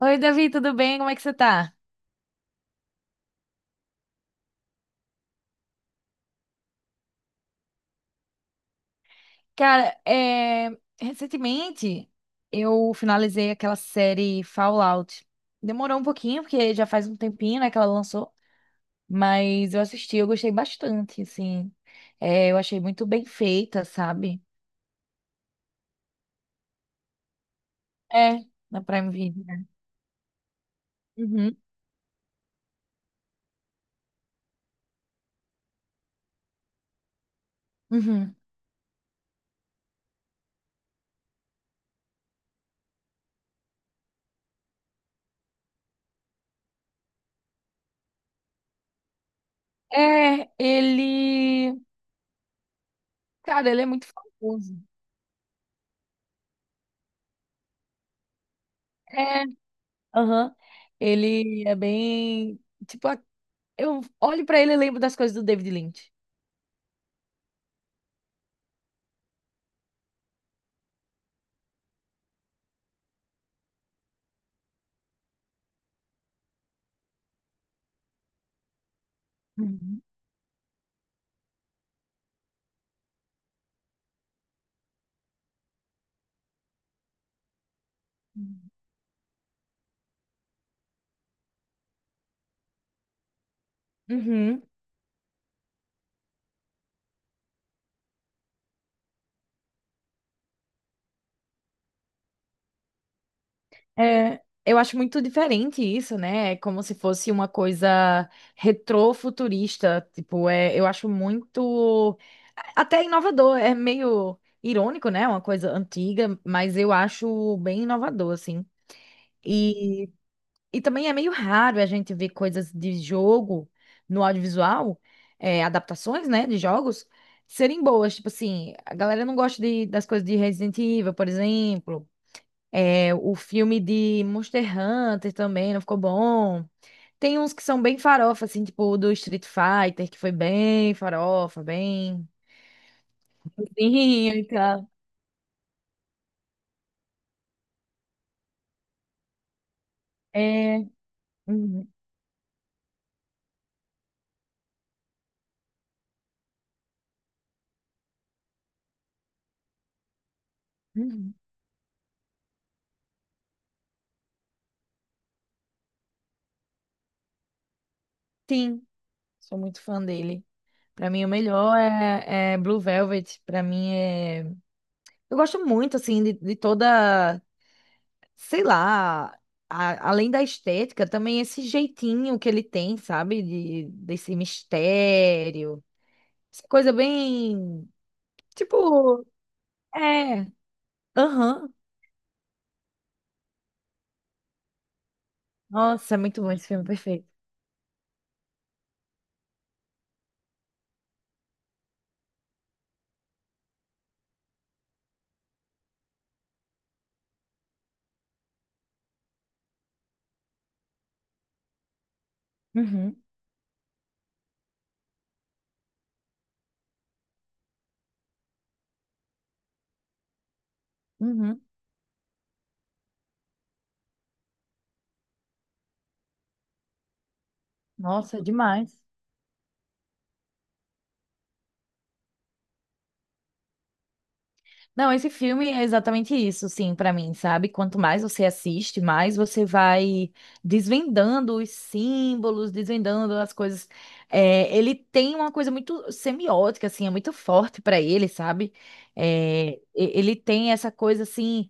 Oi, Davi, tudo bem? Como é que você tá? Cara, recentemente eu finalizei aquela série Fallout. Demorou um pouquinho, porque já faz um tempinho, né, que ela lançou, mas eu assisti, eu gostei bastante, assim. É, eu achei muito bem feita, sabe? É, na Prime Video. Uhum, uhum. É, ele. Cara, ele é muito famoso. É, aham. Ele é bem. Tipo, eu olho pra ele e lembro das coisas do David Lynch. Uhum. Uhum. É, eu acho muito diferente isso, né? É como se fosse uma coisa retrofuturista. Tipo, eu acho muito. Até inovador. É meio irônico, né? Uma coisa antiga, mas eu acho bem inovador, assim. E, e também é meio raro a gente ver coisas de jogo no audiovisual, adaptações, né? De jogos. Serem boas, tipo assim, a galera não gosta das coisas de Resident Evil, por exemplo. É, o filme de Monster Hunter também não ficou bom. Tem uns que são bem farofa, assim, tipo o do Street Fighter, que foi bem farofa, bem. Sim e tal. É. Uhum, uhum. Sim, sou muito fã dele. Pra mim, o melhor é Blue Velvet. Pra mim, é. Eu gosto muito, assim, de toda. Sei lá. Além da estética, também esse jeitinho que ele tem, sabe? Desse mistério. Essa coisa bem. Tipo. É. Aham. Nossa, é muito bom esse filme, perfeito. Uhum. Uhum. Nossa, é demais. Não, esse filme é exatamente isso, sim, pra mim, sabe? Quanto mais você assiste, mais você vai desvendando os símbolos, desvendando as coisas. É, ele tem uma coisa muito semiótica, assim, é muito forte pra ele, sabe? É, ele tem essa coisa, assim,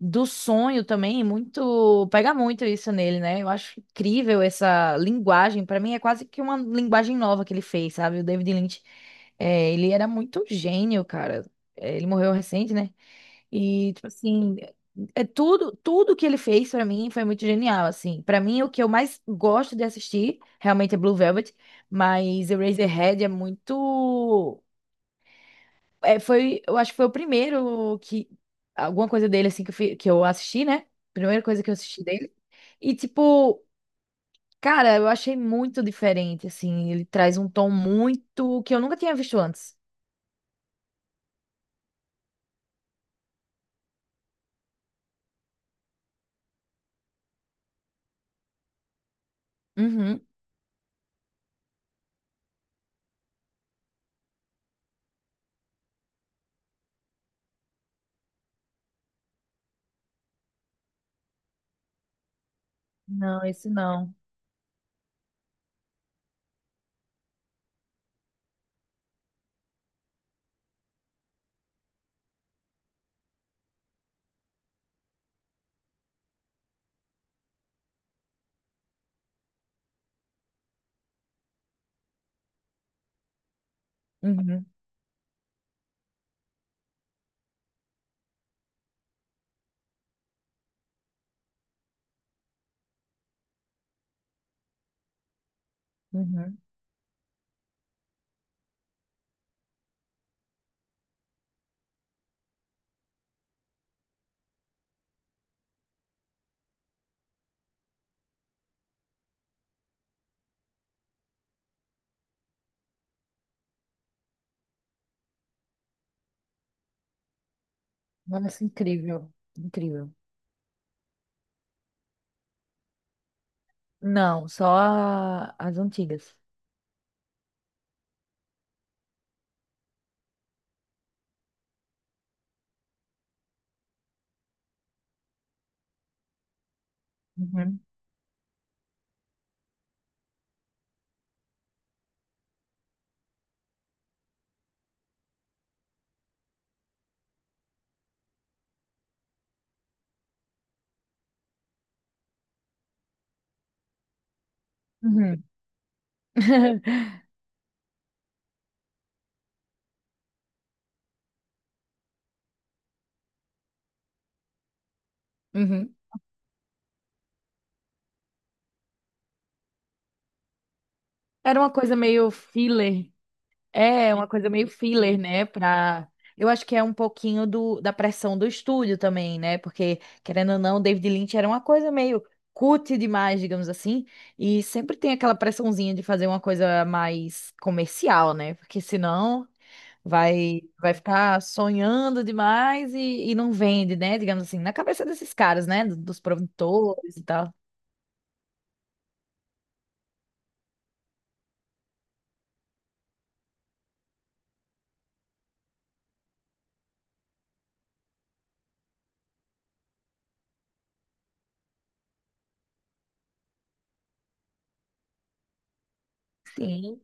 do sonho também, muito. Pega muito isso nele, né? Eu acho incrível essa linguagem. Pra mim, é quase que uma linguagem nova que ele fez, sabe? O David Lynch, ele era muito gênio, cara. Ele morreu recente, né? E, tipo assim, é tudo que ele fez pra mim foi muito genial, assim. Pra mim, o que eu mais gosto de assistir realmente é Blue Velvet, mas Eraserhead é muito. É, eu acho que foi o primeiro que. Alguma coisa dele, assim, que eu assisti, né? Primeira coisa que eu assisti dele. E, tipo, cara, eu achei muito diferente, assim. Ele traz um tom muito que eu nunca tinha visto antes. Uhum. Não, esse não. Uhum. Uhum. Nossa, incrível. Incrível. Não, só as antigas. Uhum. Uhum. Uhum. Era uma coisa meio filler. É, uma coisa meio filler, né? Pra. Eu acho que é um pouquinho da pressão do estúdio também, né? Porque, querendo ou não, David Lynch era uma coisa meio cult demais, digamos assim. E sempre tem aquela pressãozinha de fazer uma coisa mais comercial, né? Porque senão. Vai ficar sonhando demais e não vende, né? Digamos assim, na cabeça desses caras, né? Dos produtores e tal. Sim.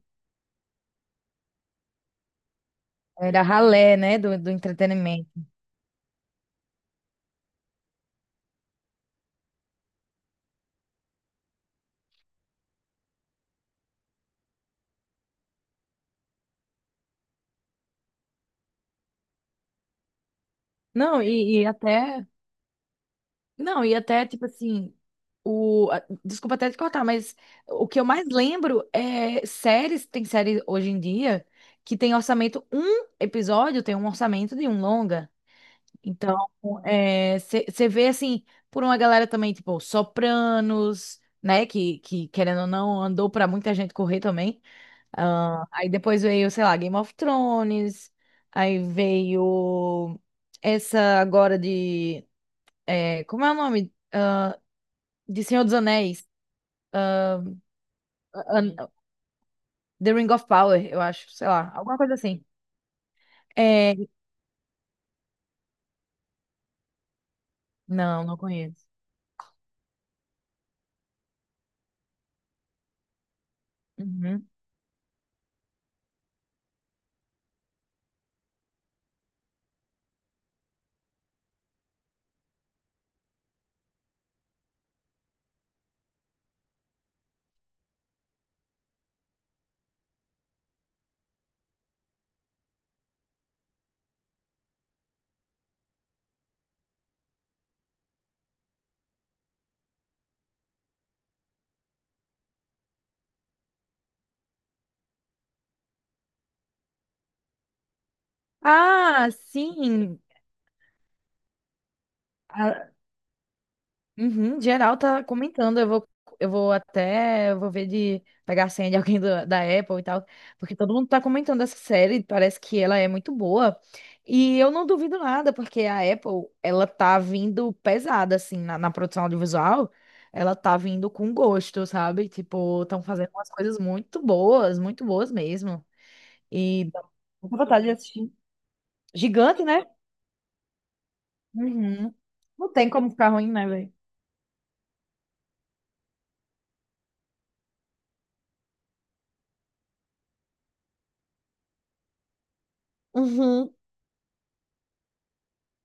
É da ralé, né? Do entretenimento. Não, e até. Não, e até, tipo assim. Desculpa até te cortar, mas o que eu mais lembro é séries. Tem série hoje em dia que tem orçamento. Um episódio tem um orçamento de um longa. Então, você vê assim, por uma galera também, tipo, sopranos, né? Que querendo ou não, andou pra muita gente correr também. Ah, aí depois veio, sei lá, Game of Thrones. Aí veio essa agora de. Como é o nome? De Senhor dos Anéis. An- The Ring of Power, eu acho, sei lá, alguma coisa assim. É, não, não conheço. Uhum. Ah, sim! Uhum, geral tá comentando, eu vou ver de pegar a senha de alguém da Apple e tal, porque todo mundo tá comentando essa série, parece que ela é muito boa, e eu não duvido nada, porque a Apple, ela tá vindo pesada, assim, na produção audiovisual, ela tá vindo com gosto, sabe? Tipo, estão fazendo umas coisas muito boas mesmo, e dá muita vontade de assistir. Gigante, né? Uhum. Não tem como ficar ruim, né, velho?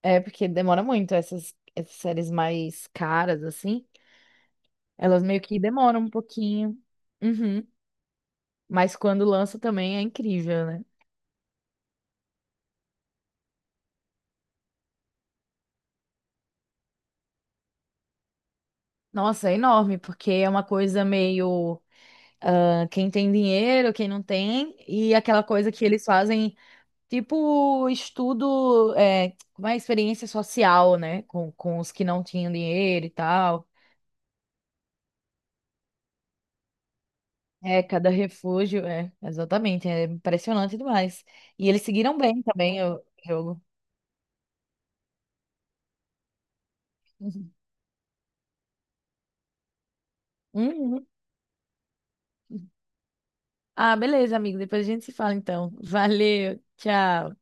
É, porque demora muito essas séries mais caras, assim. Elas meio que demoram um pouquinho. Uhum. Mas quando lança também é incrível, né? Nossa, é enorme, porque é uma coisa meio quem tem dinheiro, quem não tem, e aquela coisa que eles fazem, tipo estudo, como é experiência social, né? Com os que não tinham dinheiro e tal. É, cada refúgio, é, exatamente, é impressionante demais. E eles seguiram bem também o jogo. Uhum. Uhum. Ah, beleza, amigo. Depois a gente se fala então. Valeu, tchau.